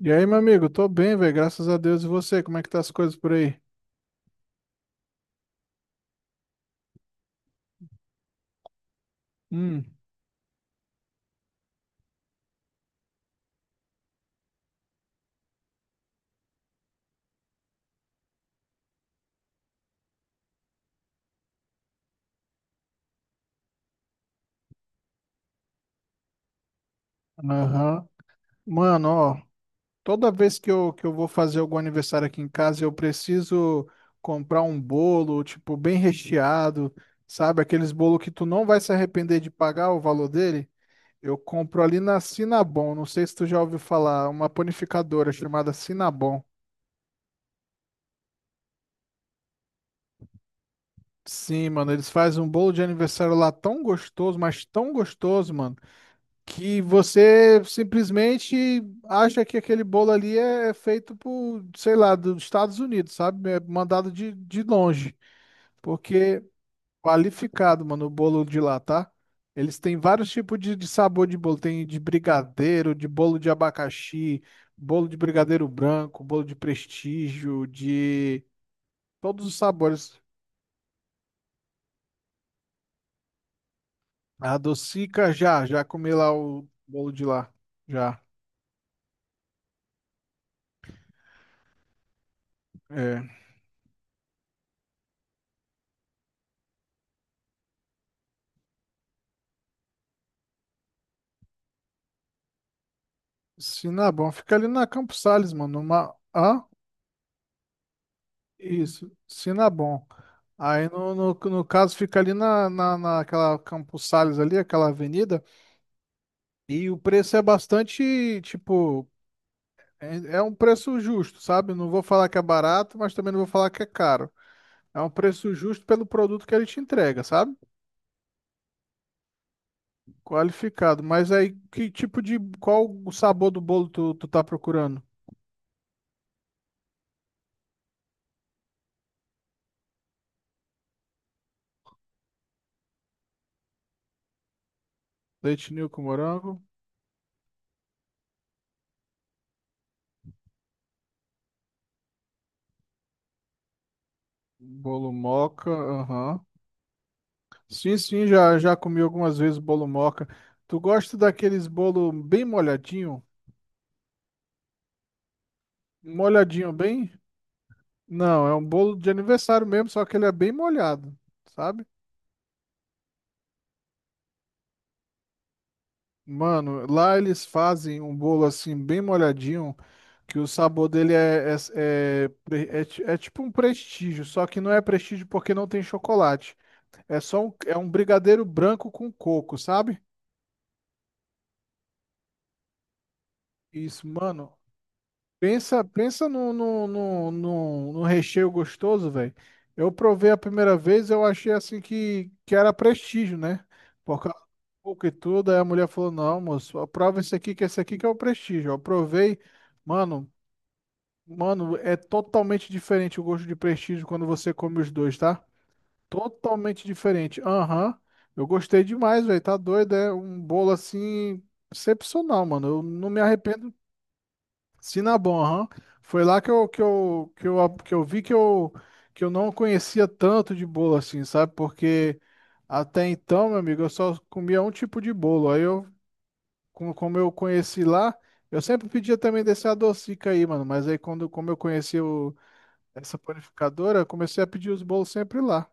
E aí, meu amigo, tô bem, velho, graças a Deus. E você, como é que tá as coisas por aí? Hum, aham. Mano, ó, toda vez que eu vou fazer algum aniversário aqui em casa, eu preciso comprar um bolo, tipo, bem recheado, sabe? Aqueles bolos que tu não vai se arrepender de pagar o valor dele. Eu compro ali na Cinnabon, não sei se tu já ouviu falar, uma panificadora chamada Cinnabon. Sim, mano, eles fazem um bolo de aniversário lá tão gostoso, mas tão gostoso, mano, que você simplesmente acha que aquele bolo ali é feito por, sei lá, dos Estados Unidos, sabe? É mandado de longe. Porque qualificado, mano, o bolo de lá, tá? Eles têm vários tipos de sabor de bolo. Tem de brigadeiro, de bolo de abacaxi, bolo de brigadeiro branco, bolo de prestígio, de todos os sabores. A docica já comi lá o bolo de lá. Já. É. Sinabon, fica ali na Campos Sales, mano. Uma... Hã? Isso, Sinabon. Aí no caso fica ali naquela Campos Sales ali, aquela avenida, e o preço é bastante, tipo, é um preço justo, sabe? Não vou falar que é barato, mas também não vou falar que é caro. É um preço justo pelo produto que ele te entrega, sabe? Qualificado. Mas aí, que tipo de, qual o sabor do bolo tu tá procurando? Leite ninho com morango, bolo moca, aham. Sim, já comi algumas vezes bolo moca. Tu gosta daqueles bolo bem molhadinho? Molhadinho bem? Não, é um bolo de aniversário mesmo, só que ele é bem molhado, sabe? Mano, lá eles fazem um bolo assim bem molhadinho, que o sabor dele é tipo um prestígio, só que não é prestígio porque não tem chocolate. É um brigadeiro branco com coco, sabe? Isso, mano. Pensa no recheio gostoso, velho. Eu provei a primeira vez, eu achei assim que era prestígio, né? Por causa do pouco e tudo. Aí a mulher falou: Não, moço, prova esse aqui que é o prestígio. Eu provei, mano, mano, é totalmente diferente o gosto de prestígio quando você come os dois, tá? Totalmente diferente. Aham, eu gostei demais, velho. Tá doido, é um bolo assim excepcional, mano. Eu não me arrependo. Cinnabon, aham. Foi lá que eu vi que eu não conhecia tanto de bolo assim, sabe? Porque até então, meu amigo, eu só comia um tipo de bolo. Aí eu, como eu conheci lá, eu sempre pedia também desse adocica aí, mano. Mas aí quando, como eu conheci essa panificadora, eu comecei a pedir os bolos sempre lá.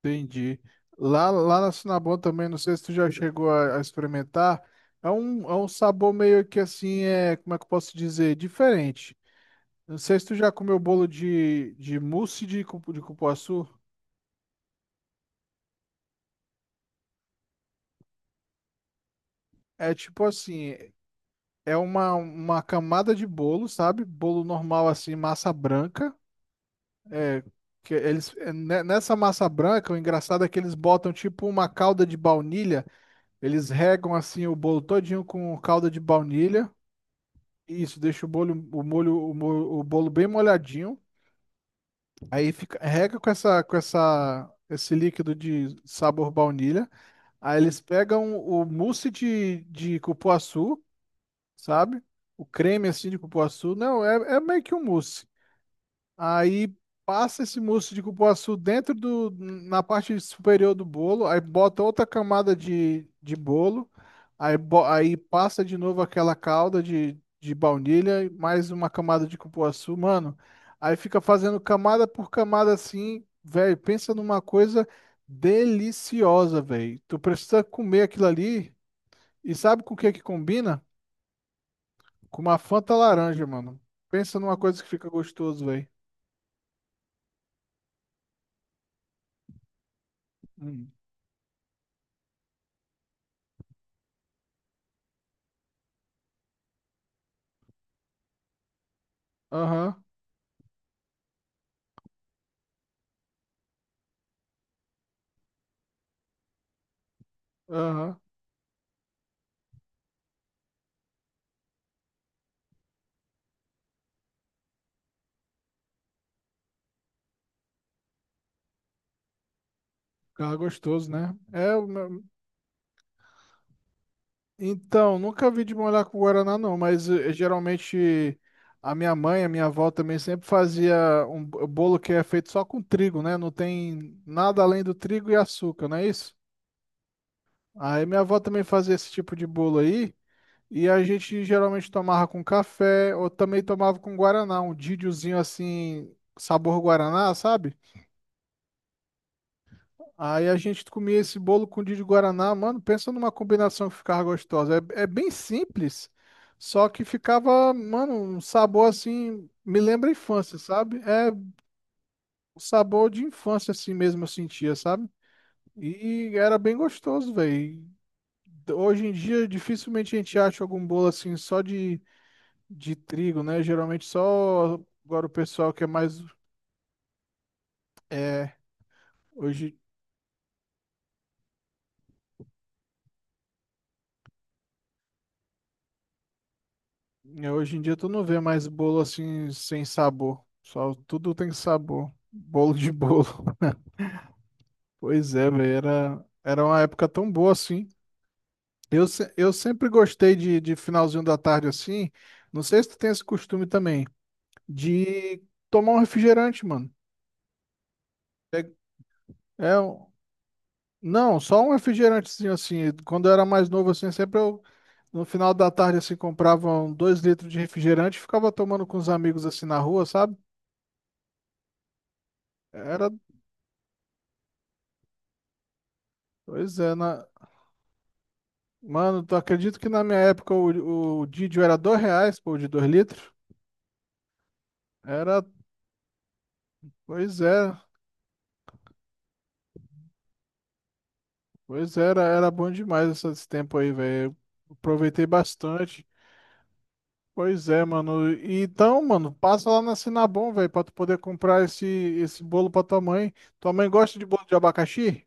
Entendi. Lá na Cinnabon também, não sei se tu já chegou a experimentar. É um sabor meio que assim, é, como é que eu posso dizer? Diferente. Não sei se tu já comeu bolo de mousse de, de cupuaçu. É tipo assim, é uma camada de bolo, sabe? Bolo normal assim, massa branca. É, que eles, é, nessa massa branca, o engraçado é que eles botam tipo uma calda de baunilha. Eles regam assim o bolo todinho com calda de baunilha. Isso, deixa o bolo, o molho, o, mo- o bolo bem molhadinho. Aí fica, rega com esse líquido de sabor baunilha. Aí eles pegam o mousse de cupuaçu, sabe? O creme assim de cupuaçu. Não, é, é meio que um mousse. Aí passa esse mousse de cupuaçu dentro do, na parte superior do bolo, aí bota outra camada de bolo, aí, aí passa de novo aquela calda de baunilha, e mais uma camada de cupuaçu, mano. Aí fica fazendo camada por camada assim, velho. Pensa numa coisa deliciosa, velho. Tu precisa comer aquilo ali e sabe com o que é que combina? Com uma Fanta laranja, mano. Pensa numa coisa que fica gostoso, velho. Hum. Aham. Aham. Ficava gostoso, né? Então, nunca vi de molhar com guaraná, não, mas eh, geralmente a minha mãe, a minha avó também sempre fazia um bolo que é feito só com trigo, né? Não tem nada além do trigo e açúcar, não é isso? Aí minha avó também fazia esse tipo de bolo aí, e a gente geralmente tomava com café, ou também tomava com guaraná, um didiozinho assim, sabor guaraná, sabe? Aí a gente comia esse bolo com de guaraná, mano, pensa numa combinação que ficava gostosa. É, é bem simples, só que ficava, mano, um sabor assim, me lembra a infância, sabe? É o sabor de infância assim mesmo eu sentia, sabe? E era bem gostoso, velho. Hoje em dia dificilmente a gente acha algum bolo assim só de trigo, né? Geralmente só agora o pessoal que é mais é, hoje, é, hoje em dia tu não vê mais bolo assim sem sabor. Só tudo tem sabor. Bolo de bolo. Pois é, velho. Era uma época tão boa assim. Eu, se- eu sempre gostei de finalzinho da tarde assim. Não sei se tu tem esse costume também. De tomar um refrigerante, mano. É, é um- não, só um refrigerantezinho assim. Quando eu era mais novo assim, sempre eu. No final da tarde, assim, comprava um, 2 litros de refrigerante e ficava tomando com os amigos assim na rua, sabe? Era, pois é, na, mano, tu acredito que na minha época o Didio era R$ 2, pô, de 2 litros? Era, pois é, era bom demais esse tempo aí, velho. Aproveitei bastante. Pois é, mano. E então, mano, passa lá na Sinabom, velho, pra tu poder comprar esse bolo pra tua mãe. Tua mãe gosta de bolo de abacaxi?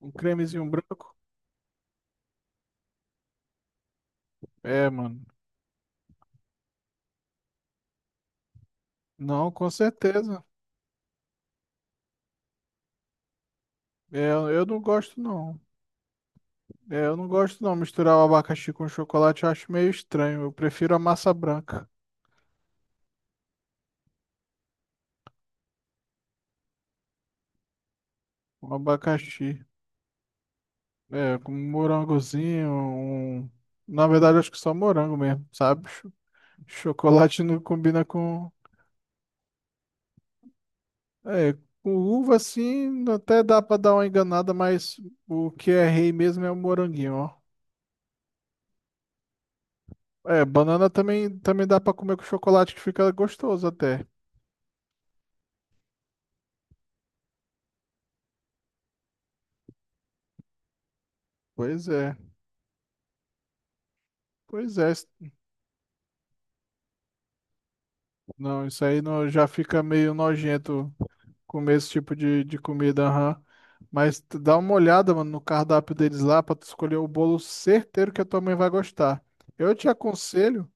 Um cremezinho branco? É, mano. Não, com certeza. É, eu não gosto, não. É, eu não gosto, não. Misturar o abacaxi com chocolate eu acho meio estranho. Eu prefiro a massa branca. Um abacaxi. É, com um morangozinho, um... Na verdade, acho que só morango mesmo, sabe? Chocolate não combina com... É, com uva, assim, até dá pra dar uma enganada, mas o que é rei mesmo é o moranguinho, ó. É, banana também, também dá pra comer com chocolate, que fica gostoso até. Pois é. Pois é. Não, isso aí não, já fica meio nojento comer esse tipo de comida, aham. Mas tu dá uma olhada, mano, no cardápio deles lá pra tu escolher o bolo certeiro que a tua mãe vai gostar. Eu te aconselho,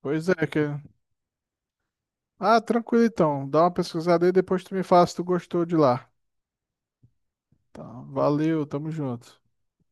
pois é, que... Ah, tranquilo então, dá uma pesquisada aí, depois tu me fala se tu gostou de lá. Tá, valeu, tamo junto.